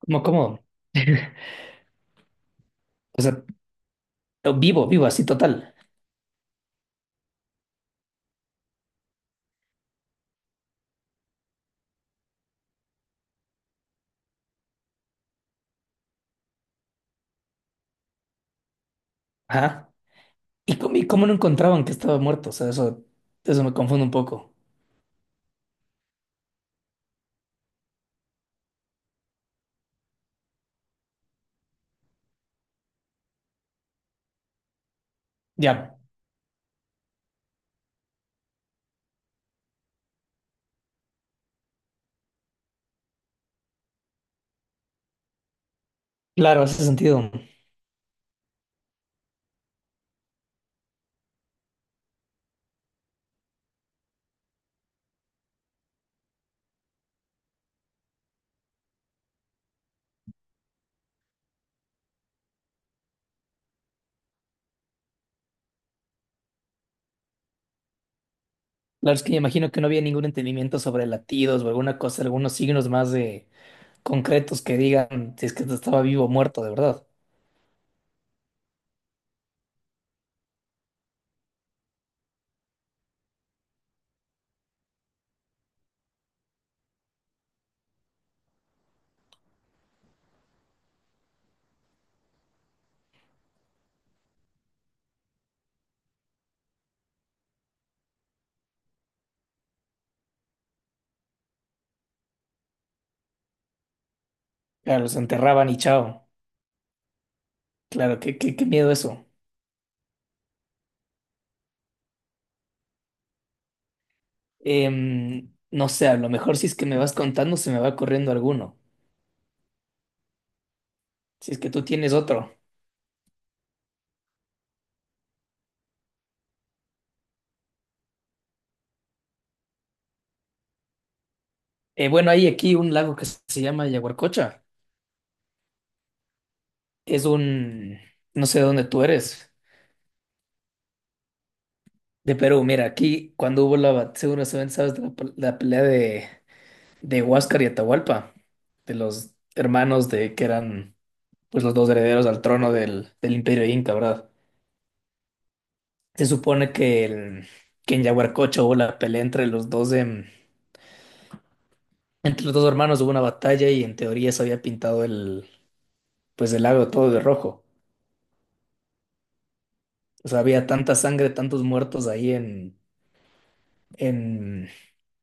Como cómodo. O sea, vivo, vivo, así total. Ajá. ¿Y cómo no encontraban que estaba muerto? O sea, eso me confunde un poco. Ya, claro, hace sentido. Claro, es que me imagino que no había ningún entendimiento sobre latidos o alguna cosa, algunos signos más de concretos que digan si es que estaba vivo o muerto, de verdad. Claro, los enterraban y chao. Claro, qué miedo eso. No sé, a lo mejor si es que me vas contando se me va corriendo alguno. Si es que tú tienes otro. Bueno, hay aquí un lago que se llama Yaguarcocha es un, no sé de dónde tú eres, de Perú. Mira, aquí cuando hubo seguro sabes, de la pelea de Huáscar y Atahualpa, de los hermanos de que eran pues los dos herederos al trono del Imperio Inca, ¿verdad? Se supone que en Yaguarcocho hubo la pelea entre los dos, entre los dos hermanos hubo una batalla y en teoría se había pintado pues el lago todo de rojo. O sea, había tanta sangre, tantos muertos ahí en,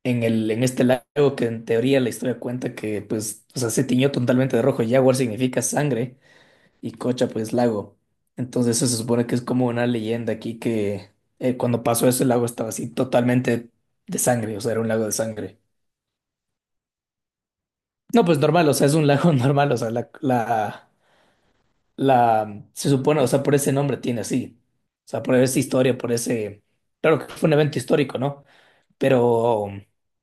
en este lago que en teoría la historia cuenta que pues, o sea, se tiñó totalmente de rojo. Jaguar significa sangre y Cocha pues lago. Entonces eso se supone que es como una leyenda aquí que cuando pasó eso el lago estaba así totalmente de sangre, o sea, era un lago de sangre. No, pues normal, o sea, es un lago normal, o sea, se supone, o sea, por ese nombre tiene así, o sea, por esa historia, por ese, claro que fue un evento histórico, ¿no? Pero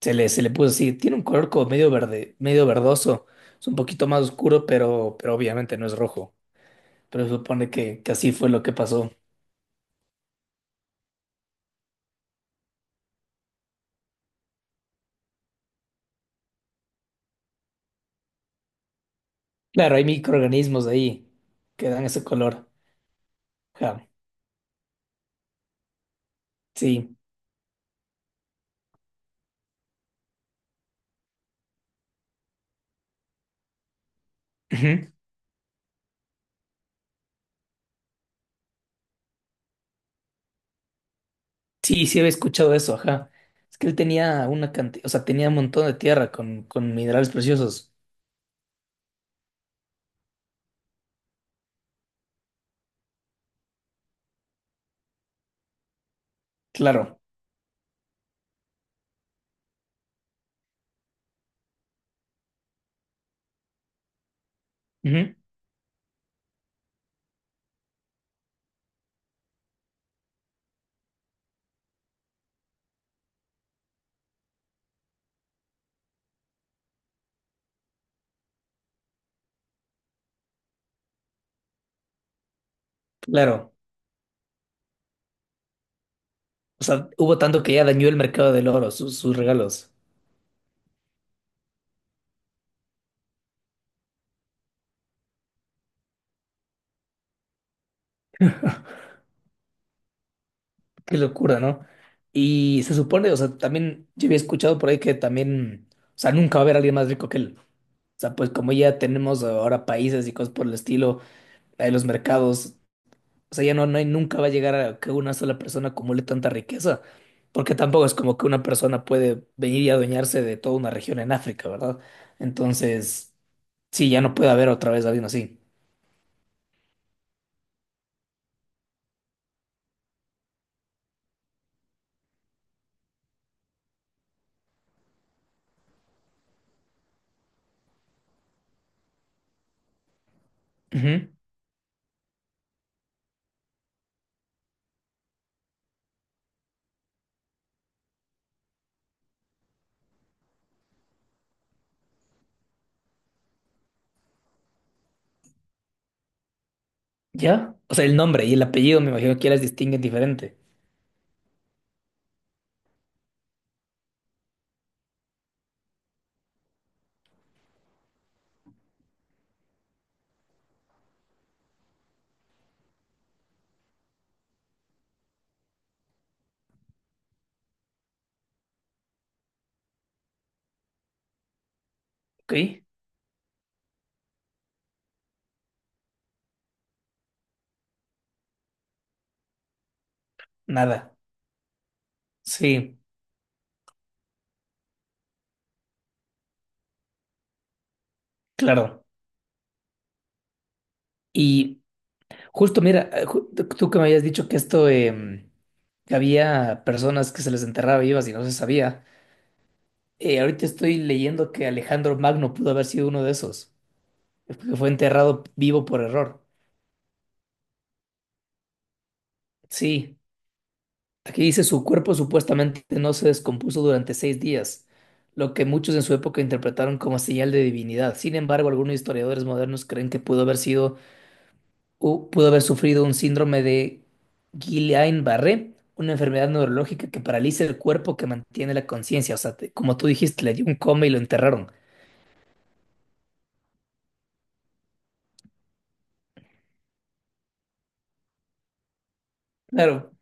se le puso así. Tiene un color como medio verde, medio verdoso. Es un poquito más oscuro, pero obviamente no es rojo. Pero se supone que así fue lo que pasó. Claro, hay microorganismos ahí que dan ese color. Ajá, sí. Ujú. Sí, sí había escuchado eso, ajá. Es que él tenía una cantidad, o sea, tenía un montón de tierra con minerales preciosos. Claro. Ujú. Claro. O sea, hubo tanto que ya dañó el mercado del oro, sus regalos. Qué locura, ¿no? Y se supone, o sea, también yo había escuchado por ahí que también, o sea, nunca va a haber alguien más rico que él. O sea, pues como ya tenemos ahora países y cosas por el estilo, hay los mercados, o sea, ya no, no hay, nunca va a llegar a que una sola persona acumule tanta riqueza, porque tampoco es como que una persona puede venir y adueñarse de toda una región en África, ¿verdad? Entonces, sí, ya no puede haber otra vez alguien así. Ujú. ¿Ya? O sea, el nombre y el apellido me imagino que ya las distinguen diferente, ¿ok? Nada. Sí. Claro. Y justo, mira, tú que me habías dicho que esto, que había personas que se les enterraba vivas y no se sabía, ahorita estoy leyendo que Alejandro Magno pudo haber sido uno de esos, que fue enterrado vivo por error. Sí, aquí dice su cuerpo supuestamente no se descompuso durante 6 días, lo que muchos en su época interpretaron como señal de divinidad. Sin embargo, algunos historiadores modernos creen que pudo haber sufrido un síndrome de Guillain-Barré, una enfermedad neurológica que paraliza el cuerpo que mantiene la conciencia. O sea, como tú dijiste, le dio un coma y lo enterraron. Claro,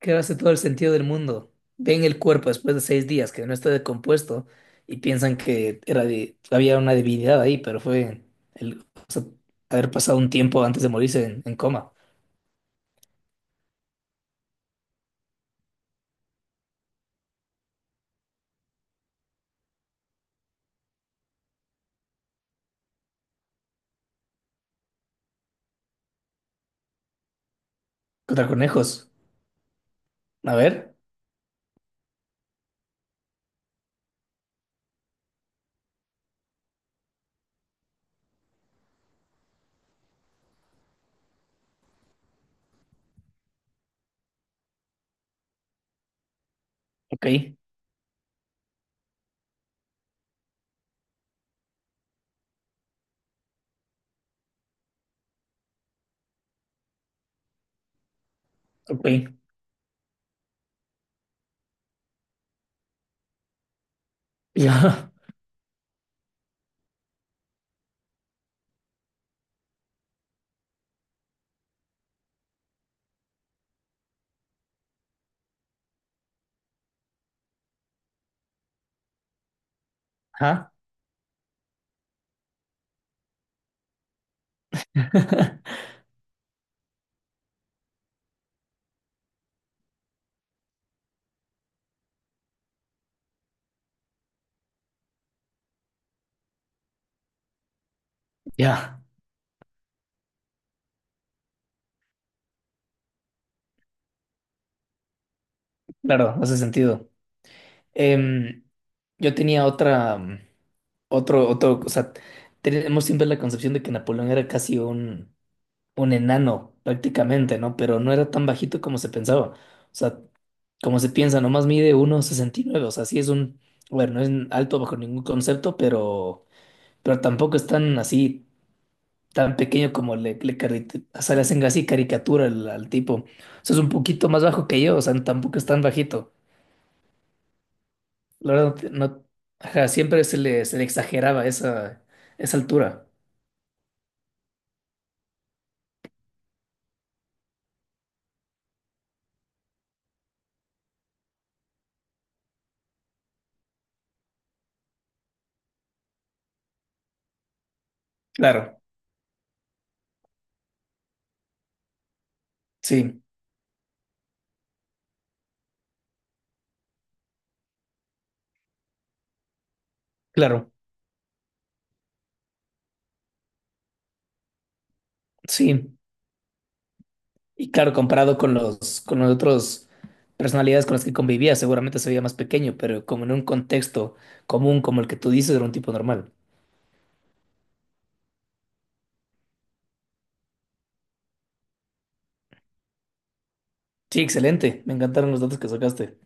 que hace todo el sentido del mundo. Ven el cuerpo después de 6 días que no está decompuesto y piensan que era de, había una debilidad ahí, pero fue el, o sea, haber pasado un tiempo antes de morirse en coma. Contra conejos. A ver, ok, ok. Ya, ajá, ya, claro, hace sentido. Em, yo tenía otra, o sea, tenemos siempre la concepción de que Napoleón era casi un enano, prácticamente, ¿no? Pero no era tan bajito como se pensaba. O sea, como se piensa, nomás mide uno sesenta y nueve. O sea, sí es un, bueno, no es alto bajo ningún concepto, pero tampoco es tan así, tan pequeño como o sea, le hacen así caricatura al tipo. O sea, es un poquito más bajo que yo, o sea, tampoco es tan bajito. La verdad, no, ajá, siempre se le exageraba esa altura. Claro, sí, claro, sí. Y claro, comparado con los, otros personalidades con las que convivía, seguramente se veía más pequeño, pero como en un contexto común como el que tú dices, era un tipo normal. Sí, excelente. Me encantaron los datos que sacaste.